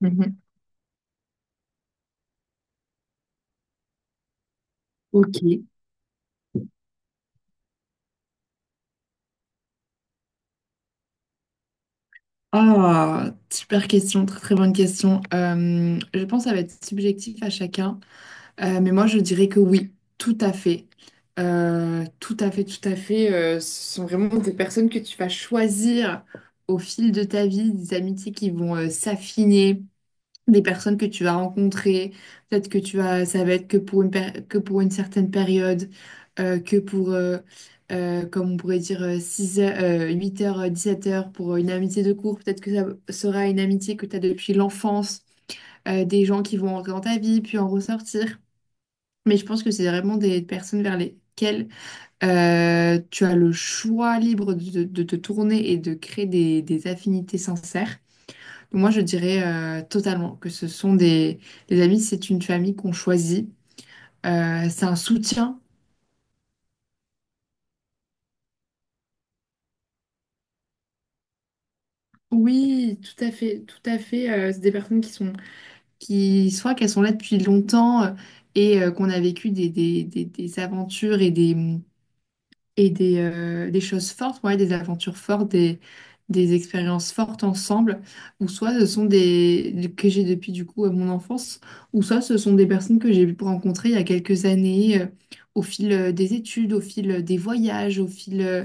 Mhm. Ok. Ah, super question, très très bonne question. Je pense que ça va être subjectif à chacun. Mais moi je dirais que oui, tout à fait. Tout à fait, tout à fait. Ce sont vraiment des personnes que tu vas choisir au fil de ta vie, des amitiés qui vont s'affiner, des personnes que tu vas rencontrer, peut-être que tu vas, ça va être que pour une certaine période, euh, que pour, euh, comme on pourrait dire, 6 8 heures, 8 heures, 17 heures pour une amitié de cours, peut-être que ça sera une amitié que tu as depuis l'enfance, des gens qui vont entrer dans ta vie, puis en ressortir. Mais je pense que c'est vraiment des personnes vers lesquelles tu as le choix libre de te tourner et de créer des affinités sincères. Moi, je dirais totalement que ce sont des... Les amis, c'est une famille qu'on choisit. C'est un soutien. Oui, tout à fait, tout à fait. C'est des personnes qui sont... qui soit qu'elles sont là depuis longtemps et qu'on a vécu des aventures et des choses fortes, ouais, des aventures fortes, des expériences fortes ensemble, ou soit ce sont des que j'ai depuis du coup mon enfance, ou soit ce sont des personnes que j'ai pu rencontrer il y a quelques années, au fil des études, au fil des voyages, au fil...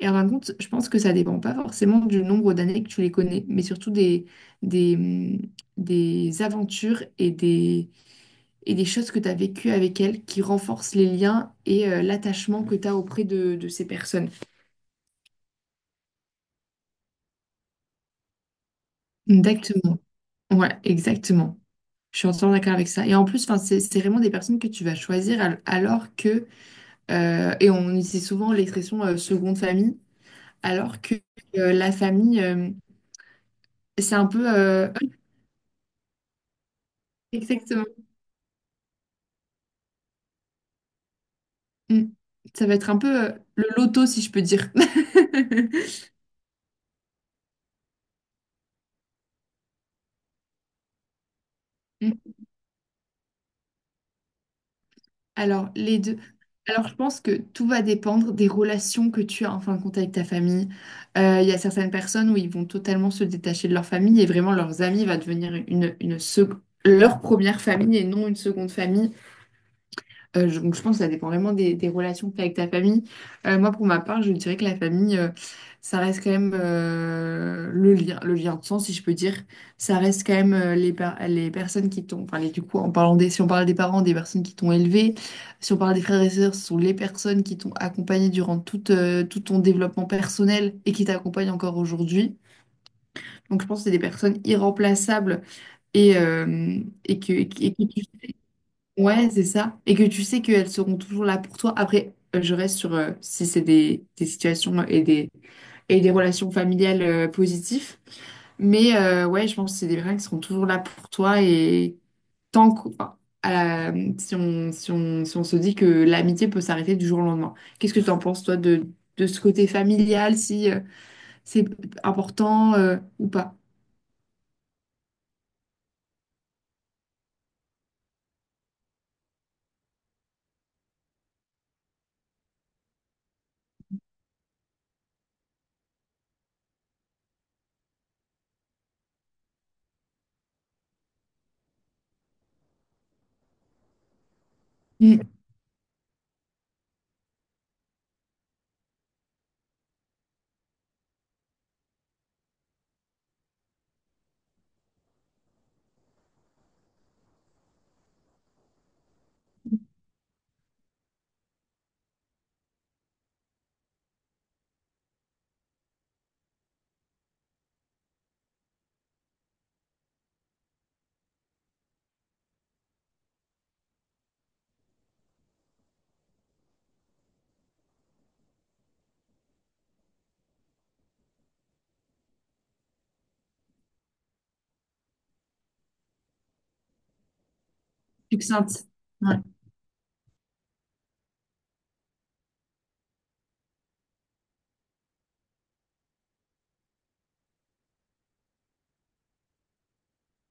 Et en fin de compte, je pense que ça dépend pas forcément du nombre d'années que tu les connais, mais surtout des, hum, des aventures et des choses que tu as vécues avec elles qui renforcent les liens et l'attachement que tu as auprès de ces personnes. Exactement. Ouais, exactement. Je suis entièrement d'accord avec ça. Et en plus, enfin, c'est vraiment des personnes que tu vas choisir alors que, et on utilise souvent l'expression seconde famille, alors que la famille, c'est un peu... ouais, exactement. Mm. Ça va être un peu le loto, si je peux dire. Alors, les deux. Alors, je pense que tout va dépendre des relations que tu as en fin de compte avec ta famille. Il y a certaines personnes où ils vont totalement se détacher de leur famille et vraiment leurs amis va devenir leur première famille et non une seconde famille. Donc je pense que ça dépend vraiment des relations que tu as avec ta famille. Moi, pour ma part, je dirais que la famille, ça reste quand même le lien de sang, si je peux dire. Ça reste quand même les personnes qui t'ont... Enfin, du coup, en parlant des, si on parle des parents, des personnes qui t'ont élevé. Si on parle des frères et sœurs, ce sont les personnes qui t'ont accompagné durant toute, tout ton développement personnel et qui t'accompagnent encore aujourd'hui. Donc, je pense que c'est des personnes irremplaçables et, euh, et que, et, que- Ouais, c'est ça. Et que tu sais qu'elles seront toujours là pour toi. Après, je reste sur si c'est des situations et et des relations familiales positives. Mais ouais, je pense que c'est des personnes qui seront toujours là pour toi. Et tant que, enfin, si on, si on se dit que l'amitié peut s'arrêter du jour au lendemain. Qu'est-ce que tu en penses, toi, de ce côté familial, si c'est important ou pas? Mm. Succincte. Ouais.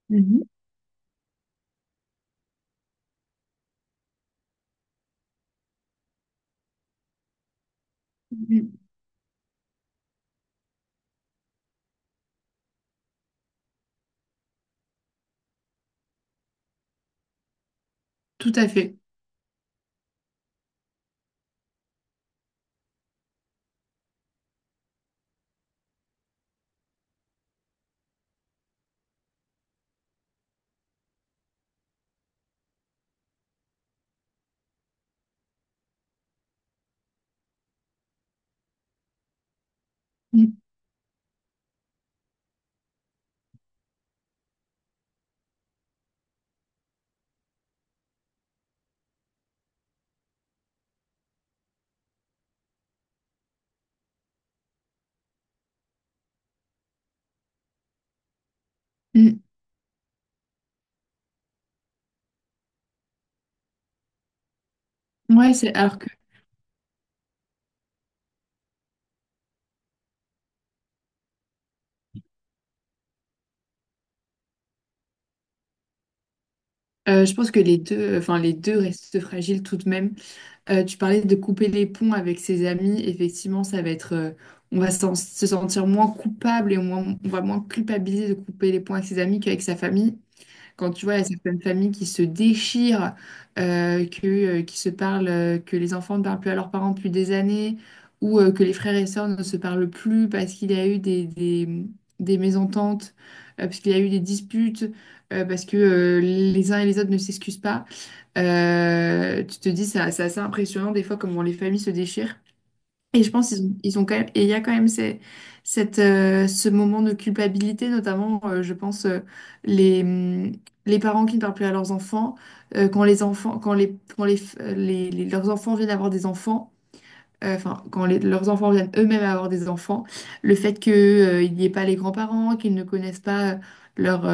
Mhm. Mhm. Tout à fait. Mm. Mm. Ouais, c'est alors que... Je pense que les deux, enfin les deux restent fragiles tout de même. Tu parlais de couper les ponts avec ses amis. Effectivement, ça va être, on va se sentir moins coupable et on va moins culpabiliser de couper les ponts avec ses amis qu'avec sa famille. Quand tu vois, il y a certaines familles qui se déchirent, qui se parlent, que les enfants ne parlent plus à leurs parents depuis des années, ou que les frères et sœurs ne se parlent plus parce qu'il y a eu des mésententes, parce qu'il y a eu des disputes, parce que les uns et les autres ne s'excusent pas. Tu te dis, c'est assez impressionnant des fois comment les familles se déchirent. Et je pense qu'ils ont quand même, et il y a quand même cette, ce moment de culpabilité, notamment, je pense, les, hum, les parents qui ne parlent plus à leurs enfants, quand les enfants, quand les, f- les- leurs enfants viennent avoir des enfants, enfin, quand leurs enfants viennent eux-mêmes avoir des enfants, le fait que, il n'y ait pas les grands-parents, qu'ils ne connaissent pas leurs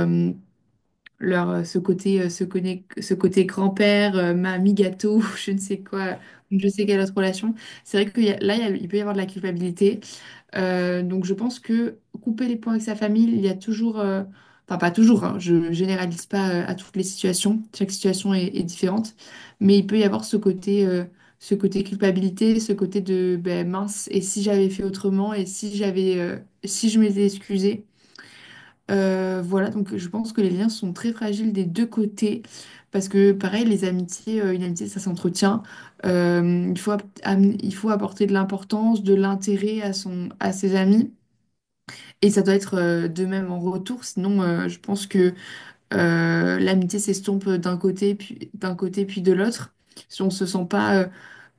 leur ce côté ce côté grand-père mamie gâteau je ne sais quoi je sais quelle autre relation. C'est vrai que y a- là il y a- il peut y avoir de la culpabilité. Donc je pense que couper les ponts avec sa famille il y a toujours enfin pas toujours hein, je généralise pas à toutes les situations, chaque situation est différente, mais il peut y avoir ce côté culpabilité, ce côté de ben, mince et si j'avais fait autrement et si je m'étais excusée, voilà. Donc je pense que les liens sont très fragiles des deux côtés, parce que pareil, les amitiés, une amitié, ça s'entretient. Il faut, il faut apporter de l'importance, de l'intérêt à ses amis, et ça doit être de même en retour, sinon je pense que l'amitié s'estompe d'un côté, puis de l'autre. Si on se sent pas, euh,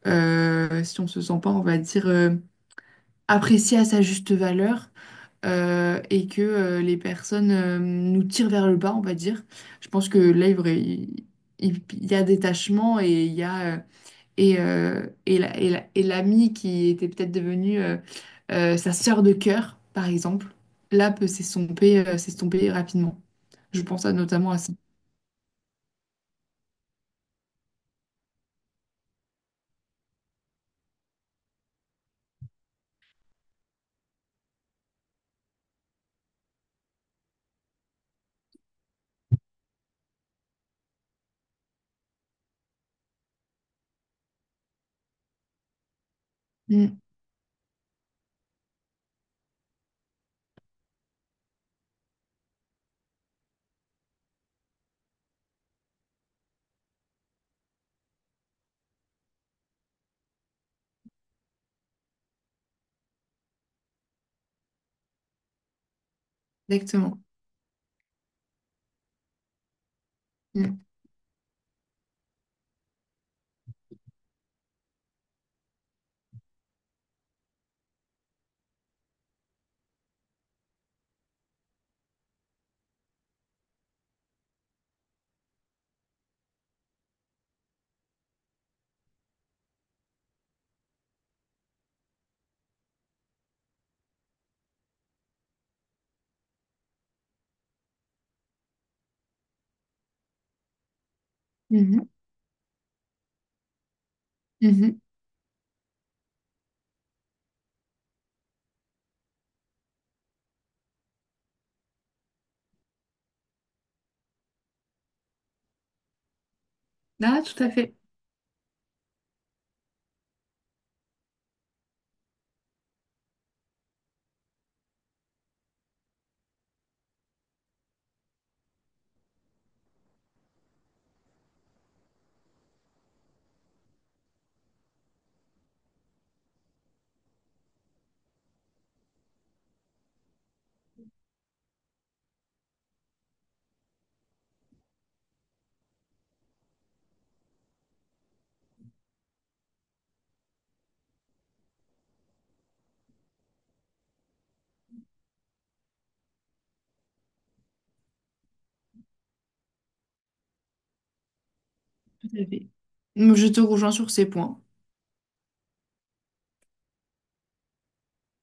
euh, si on se sent pas, on va dire, apprécié à sa juste valeur et que les personnes nous tirent vers le bas, on va dire. Je pense que là, il y a détachement et il y a et l'ami qui était peut-être devenu sa sœur de cœur, par exemple, là peut s'estomper rapidement. Je pense notamment à ça. Mm, exactement. Mm. Mhm, mhm. Ah, tout à fait, tout à fait. Je te rejoins sur ces points.